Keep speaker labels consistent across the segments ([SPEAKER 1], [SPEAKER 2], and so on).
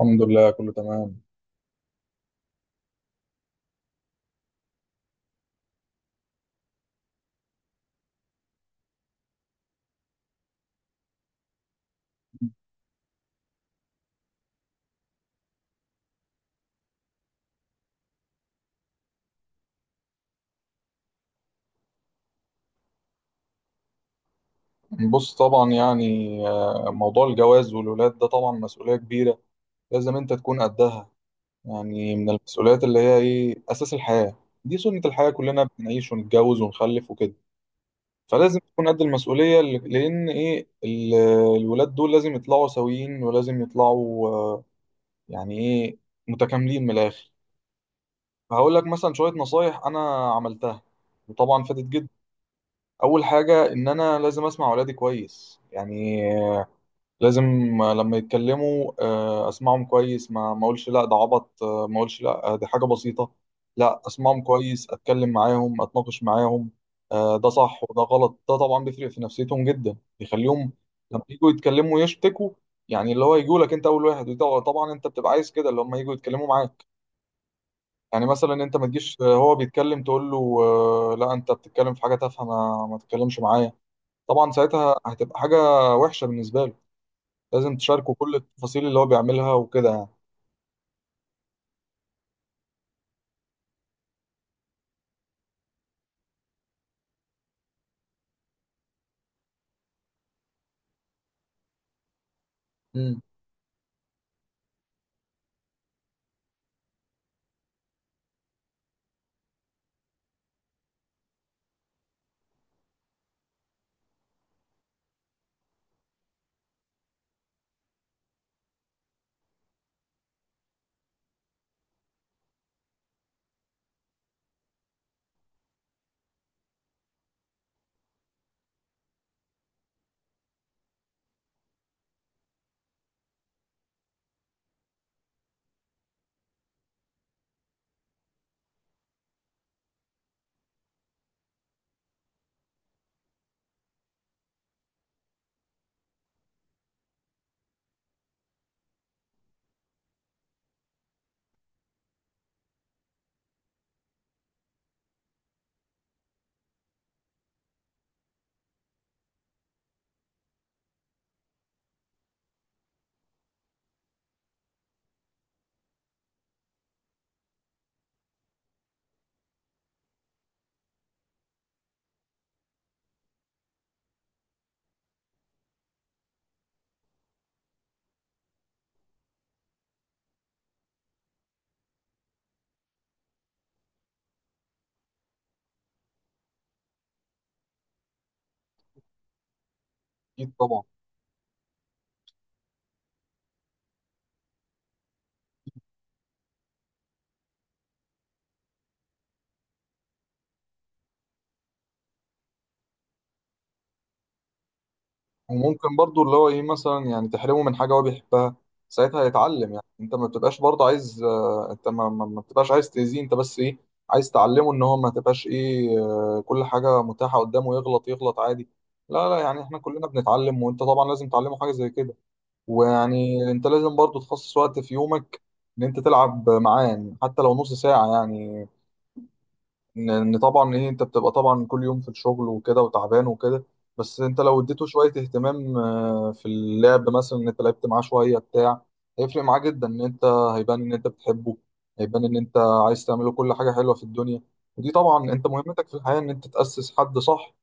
[SPEAKER 1] الحمد لله كله تمام. بص طبعا موضوع الجواز والولاد ده طبعا مسؤولية كبيرة. لازم انت تكون قدها، يعني من المسؤوليات اللي هي ايه اساس الحياة. دي سنة الحياة، كلنا بنعيش ونتجوز ونخلف وكده. فلازم تكون قد المسؤولية لان الولاد دول لازم يطلعوا سويين، ولازم يطلعوا، يعني ايه، متكاملين من الاخر. فهقول لك مثلا شوية نصايح انا عملتها، وطبعا فادت جدا. اول حاجة ان انا لازم اسمع ولادي كويس، يعني لازم لما يتكلموا اسمعهم كويس، ما اقولش لا ده عبط، ما اقولش لا دي حاجة بسيطة. لا، اسمعهم كويس، اتكلم معاهم، اتناقش معاهم، ده صح وده غلط. ده طبعا بيفرق في نفسيتهم جدا، بيخليهم لما يجوا يتكلموا يشتكوا، يعني اللي هو يجوا لك انت اول واحد. وده طبعا انت بتبقى عايز كده، اللي هم يجوا يتكلموا معاك. يعني مثلا انت ما تجيش هو بيتكلم تقول له لا انت بتتكلم في حاجة تافهة، ما تتكلمش معايا. طبعا ساعتها هتبقى حاجة وحشة بالنسبة له. لازم تشاركه كل التفاصيل اللي هو بيعملها وكده يعني. امم، اكيد طبعا. وممكن برضو اللي هو ايه مثلا، يعني تحرمه من حاجه هو بيحبها. ساعتها يتعلم، يعني انت ما بتبقاش برضه عايز، انت ما بتبقاش عايز تاذيه، انت بس ايه عايز تعلمه ان هو ما تبقاش ايه، كل حاجه متاحه قدامه، يغلط يغلط عادي. لا لا، يعني احنا كلنا بنتعلم، وانت طبعا لازم تعلمه حاجه زي كده. ويعني انت لازم برضه تخصص وقت في يومك، ان انت تلعب معاه، يعني حتى لو نص ساعه يعني. إن طبعا ايه، انت بتبقى طبعا كل يوم في الشغل وكده وتعبان وكده، بس انت لو اديته شويه اهتمام في اللعب مثلا، ان انت لعبت معاه شويه بتاع، هيفرق معاه جدا. ان انت هيبان ان انت بتحبه، هيبان ان انت عايز تعمله كل حاجه حلوه في الدنيا. ودي طبعا انت مهمتك في الحياه، ان انت تاسس حد صح.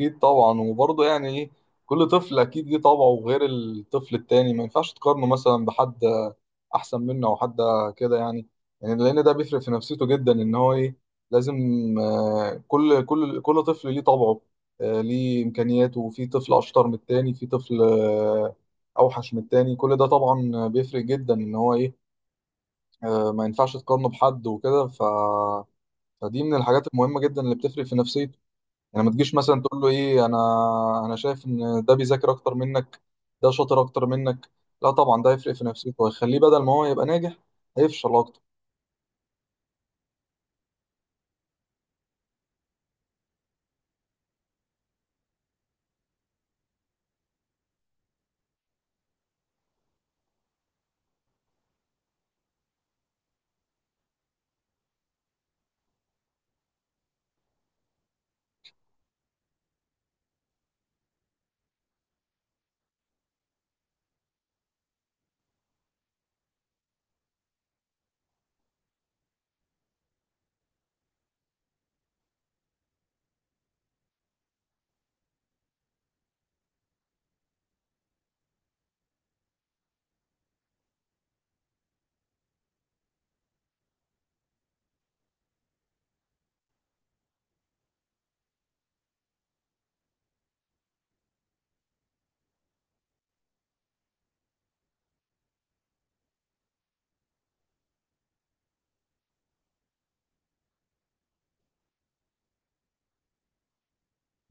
[SPEAKER 1] اكيد طبعا. وبرضه يعني ايه، كل طفل اكيد ليه طبعه غير الطفل التاني، ما ينفعش تقارنه مثلا بحد احسن منه او حد كده يعني. يعني لان ده بيفرق في نفسيته جدا، ان هو ايه، لازم، كل طفل ليه طبعه، ليه امكانياته. في طفل اشطر من التاني، في طفل اوحش من التاني. كل ده طبعا بيفرق جدا، ان هو ايه، ما ينفعش تقارنه بحد وكده. فدي من الحاجات المهمة جدا اللي بتفرق في نفسية. يعني ما تجيش مثلا تقول له ايه، انا شايف ان ده بيذاكر اكتر منك، ده شاطر اكتر منك. لا، طبعا ده هيفرق في نفسيته، وهيخليه بدل ما هو يبقى ناجح، هيفشل اكتر.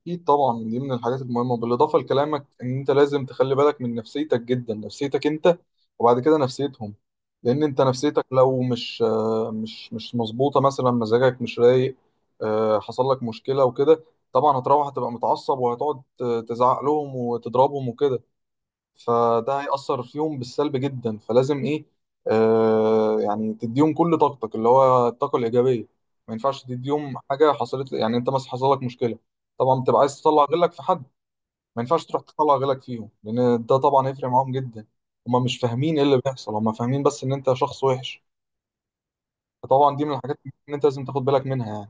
[SPEAKER 1] اكيد طبعا، دي من الحاجات المهمه. بالاضافه لكلامك، ان انت لازم تخلي بالك من نفسيتك جدا، نفسيتك انت وبعد كده نفسيتهم. لان انت نفسيتك لو مش مش مظبوطه، مثلا مزاجك مش رايق، حصل لك مشكله وكده، طبعا هتروح هتبقى متعصب، وهتقعد تزعق لهم وتضربهم وكده. فده هيأثر فيهم بالسلب جدا، فلازم ايه، يعني تديهم كل طاقتك اللي هو الطاقة الإيجابية. ما ينفعش تديهم حاجة حصلت، يعني انت مثلا حصل لك مشكلة، طبعا بتبقى عايز تطلع غلك في حد، ما ينفعش تروح تطلع غلك فيهم، لأن ده طبعا هيفرق معاهم جدا. هما مش فاهمين ايه اللي بيحصل، هما فاهمين بس ان انت شخص وحش. فطبعا دي من الحاجات اللي انت لازم تاخد بالك منها يعني.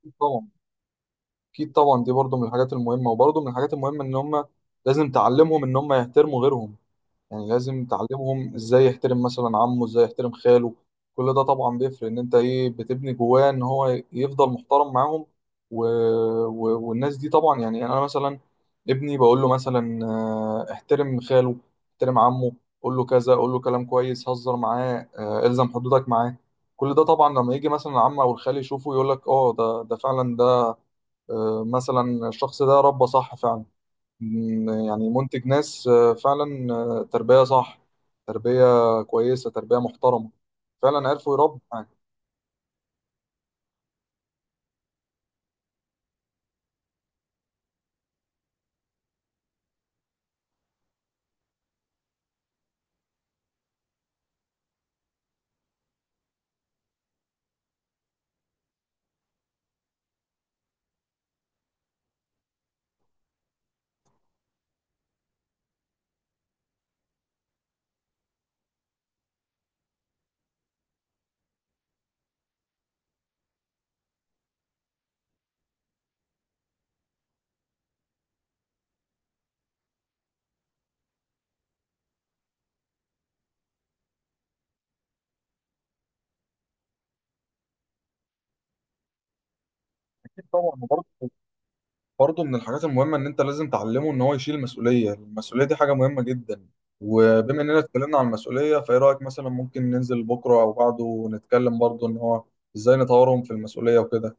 [SPEAKER 1] أكيد طبعا، اكيد طبعا دي برضو من الحاجات المهمة. وبرضو من الحاجات المهمة ان هما، لازم تعلمهم ان هما يحترموا غيرهم. يعني لازم تعلمهم ازاي يحترم مثلا عمه، ازاي يحترم خاله. كل ده طبعا بيفرق، ان انت ايه بتبني جواه ان هو يفضل محترم معاهم و... والناس دي طبعا. يعني يعني انا مثلا ابني بقول له مثلا احترم خاله، احترم عمه، قول له كذا، قول له كلام كويس، هزر معاه، الزم حدودك معاه. كل ده طبعا لما يجي مثلا العم او الخال يشوفه، يقول لك اه ده فعلا ده مثلا الشخص ده ربى صح فعلا. يعني منتج ناس فعلا تربية صح، تربية كويسة، تربية محترمة، فعلا عرفوا يربوا يعني. أكيد طبعا. برضه، من الحاجات المهمة إن أنت لازم تعلمه إن هو يشيل المسؤولية. المسؤولية دي حاجة مهمة جدا. وبما إننا اتكلمنا عن المسؤولية، فإيه رأيك مثلا ممكن ننزل بكرة أو بعده ونتكلم برضه إن هو إزاي نطورهم في المسؤولية وكده؟